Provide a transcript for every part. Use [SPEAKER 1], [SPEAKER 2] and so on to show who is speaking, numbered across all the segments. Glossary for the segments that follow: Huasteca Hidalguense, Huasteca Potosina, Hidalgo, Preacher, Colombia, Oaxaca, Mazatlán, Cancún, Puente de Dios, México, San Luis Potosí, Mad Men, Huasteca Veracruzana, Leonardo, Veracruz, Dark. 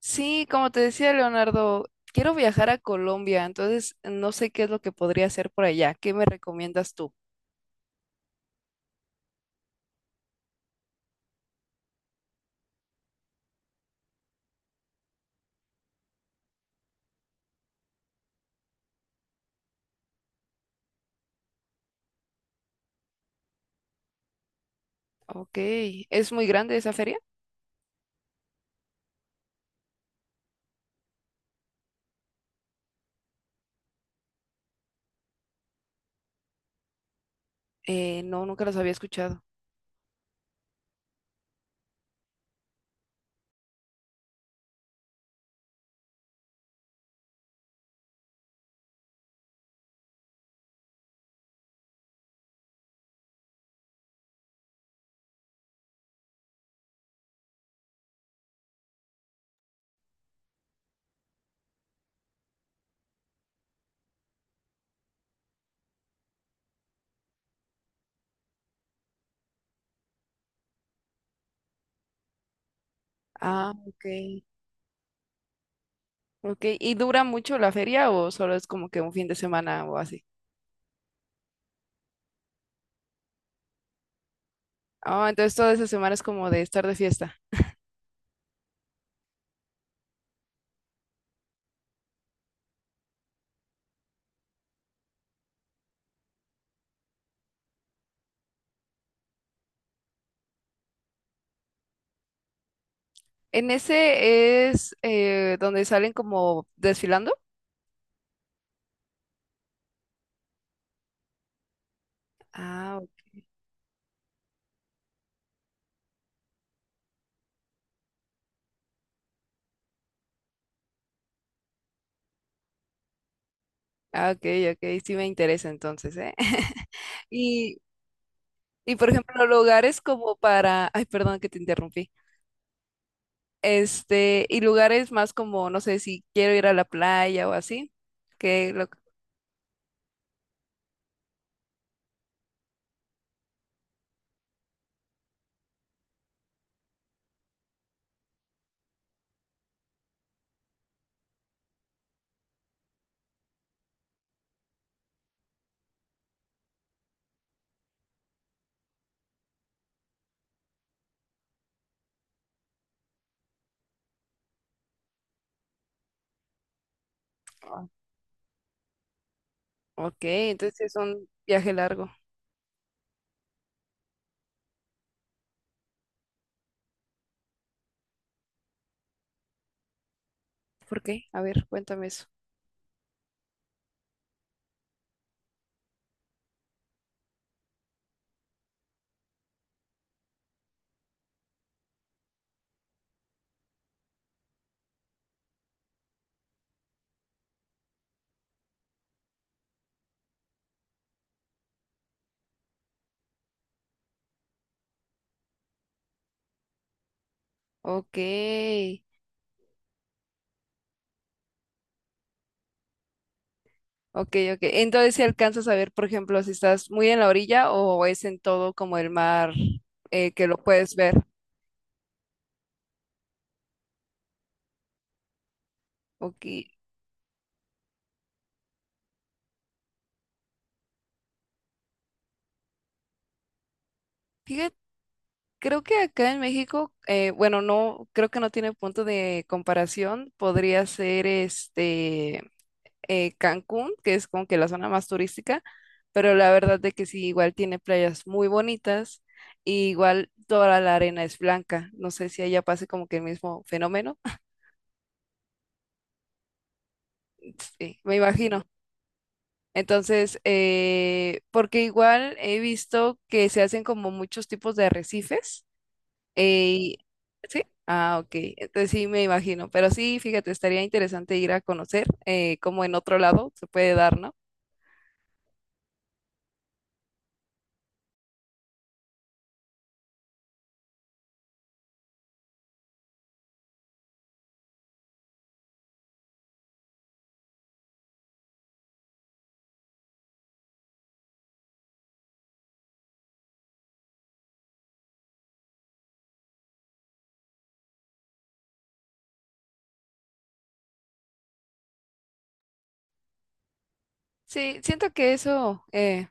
[SPEAKER 1] Sí, como te decía Leonardo, quiero viajar a Colombia, entonces no sé qué es lo que podría hacer por allá. ¿Qué me recomiendas tú? Ok, ¿es muy grande esa feria? No, nunca los había escuchado. Ah, ok. Ok, ¿y dura mucho la feria o solo es como que un fin de semana o así? Ah, entonces toda esa semana es como de estar de fiesta. ¿En ese es donde salen como desfilando? Ah, ok, ah, ok, ok, sí me interesa entonces, ¿eh? Y Y por ejemplo, lugares como para, ay, perdón que te interrumpí. Este, y lugares más como, no sé, si quiero ir a la playa o así, que lo... Ah, ok, entonces es un viaje largo. ¿Por qué? A ver, cuéntame eso. Ok, ok, ok. Entonces si alcanzas a ver, por ejemplo, si estás muy en la orilla o es en todo como el mar, que lo puedes ver. Ok. Creo que acá en México, bueno, no, creo que no tiene punto de comparación. Podría ser este, Cancún, que es como que la zona más turística, pero la verdad de que sí, igual tiene playas muy bonitas, y igual toda la arena es blanca. No sé si allá pase como que el mismo fenómeno. Sí, me imagino. Entonces, porque igual he visto que se hacen como muchos tipos de arrecifes. Ey, ¿sí? Ah, ok. Entonces sí me imagino. Pero sí, fíjate, estaría interesante ir a conocer, cómo en otro lado se puede dar, ¿no? Sí, siento que eso,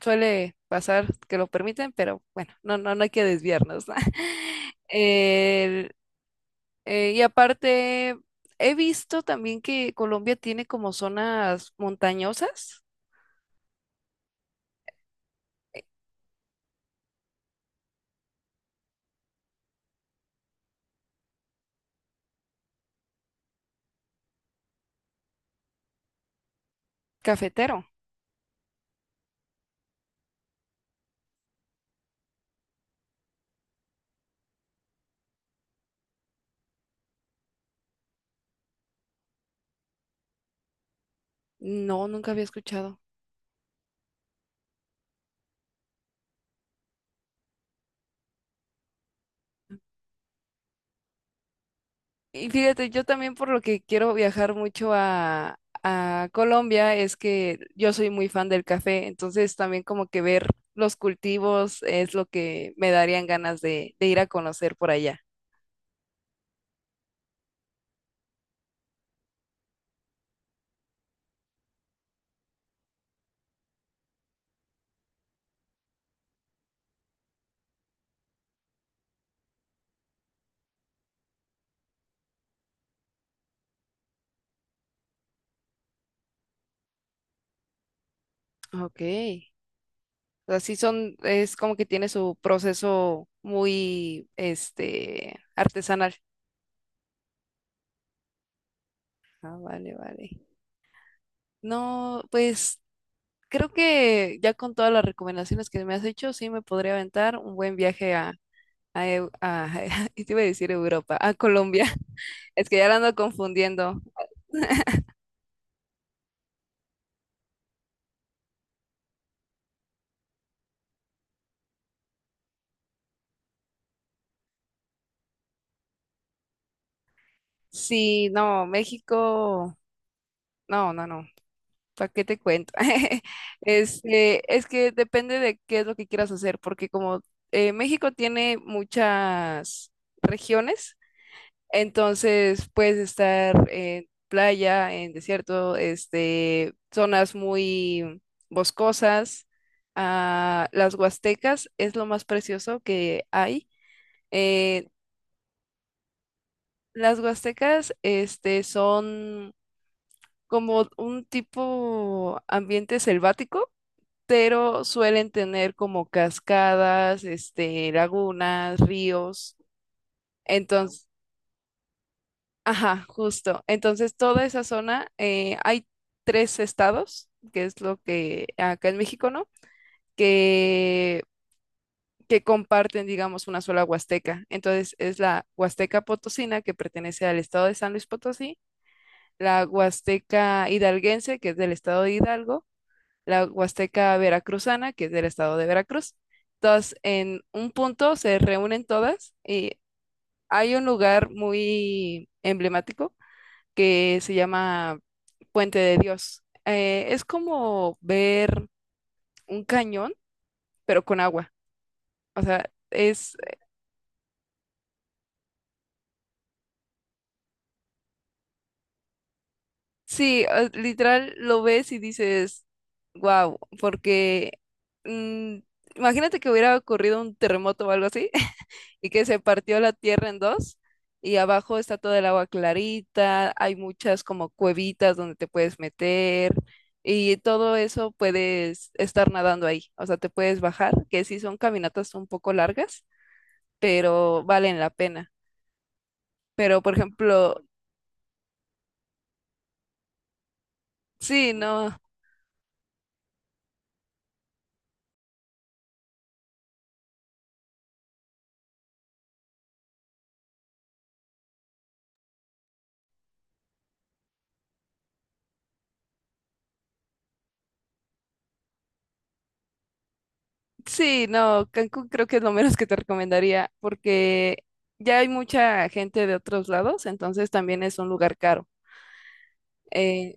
[SPEAKER 1] suele pasar, que lo permiten, pero bueno, no, no, no hay que desviarnos, ¿no? El- y aparte, he visto también que Colombia tiene como zonas montañosas, cafetero. No, nunca había escuchado. Y fíjate, yo también por lo que quiero viajar mucho a Colombia es que yo soy muy fan del café, entonces también como que ver los cultivos es lo que me darían ganas de ir a conocer por allá. Ok, así son, es como que tiene su proceso muy, este, artesanal. Ah, vale, vale. No, pues creo que ya con todas las recomendaciones que me has hecho, sí me podría aventar un buen viaje a, y te iba a decir Europa, a Colombia. Es que ya la ando confundiendo. Sí, no, México, no, no, no, ¿para qué te cuento? Este, es que depende de qué es lo que quieras hacer, porque como, México tiene muchas regiones. Entonces puedes estar en playa, en desierto, este, zonas muy boscosas. Ah, las huastecas es lo más precioso que hay. Eh, las huastecas, este, son como un tipo ambiente selvático, pero suelen tener como cascadas, este, lagunas, ríos. Entonces, ajá, justo. Entonces, toda esa zona, hay tres estados, que es lo que acá en México, ¿no? Que, que comparten, digamos, una sola huasteca. Entonces, es la Huasteca Potosina, que pertenece al estado de San Luis Potosí, la Huasteca Hidalguense, que es del estado de Hidalgo, la Huasteca Veracruzana, que es del estado de Veracruz. Entonces, en un punto se reúnen todas y hay un lugar muy emblemático que se llama Puente de Dios. Es como ver un cañón, pero con agua. O sea, es, sí, literal lo ves y dices, wow, porque mm, imagínate que hubiera ocurrido un terremoto o algo así, y que se partió la tierra en dos y abajo está todo el agua clarita, hay muchas como cuevitas donde te puedes meter y todo eso puedes estar nadando ahí, o sea, te puedes bajar, que sí son caminatas un poco largas, pero valen la pena. Pero, por ejemplo, sí, no, sí, no, Cancún creo que es lo menos que te recomendaría porque ya hay mucha gente de otros lados, entonces también es un lugar caro. Eh,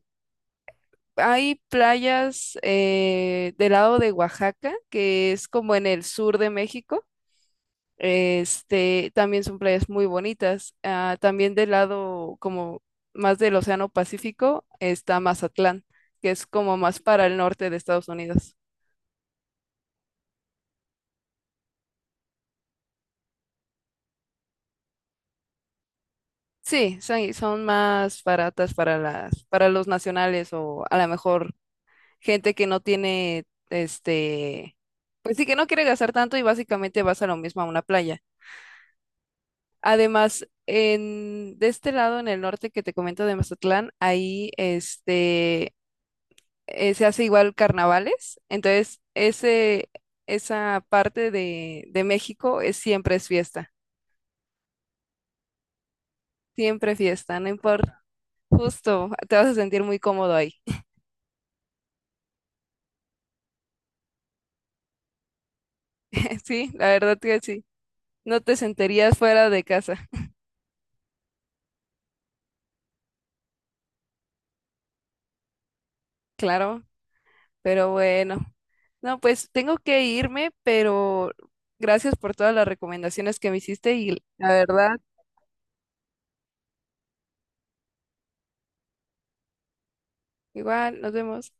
[SPEAKER 1] Hay playas, del lado de Oaxaca, que es como en el sur de México. Este, también son playas muy bonitas. Ah, también del lado como más del Océano Pacífico está Mazatlán, que es como más para el norte de Estados Unidos. Sí, son, son más baratas para las, para los nacionales o a lo mejor gente que no tiene, este, pues sí que no quiere gastar tanto y básicamente vas a lo mismo a una playa. Además, en, de este lado, en el norte que te comento de Mazatlán, ahí este, se hace igual carnavales. Entonces, ese, esa parte de México es, siempre es fiesta, siempre fiesta, no importa. Justo, te vas a sentir muy cómodo ahí. Sí, la verdad que sí. No te sentirías fuera de casa, claro, pero bueno. No, pues tengo que irme, pero gracias por todas las recomendaciones que me hiciste y la verdad. Igual, nos vemos.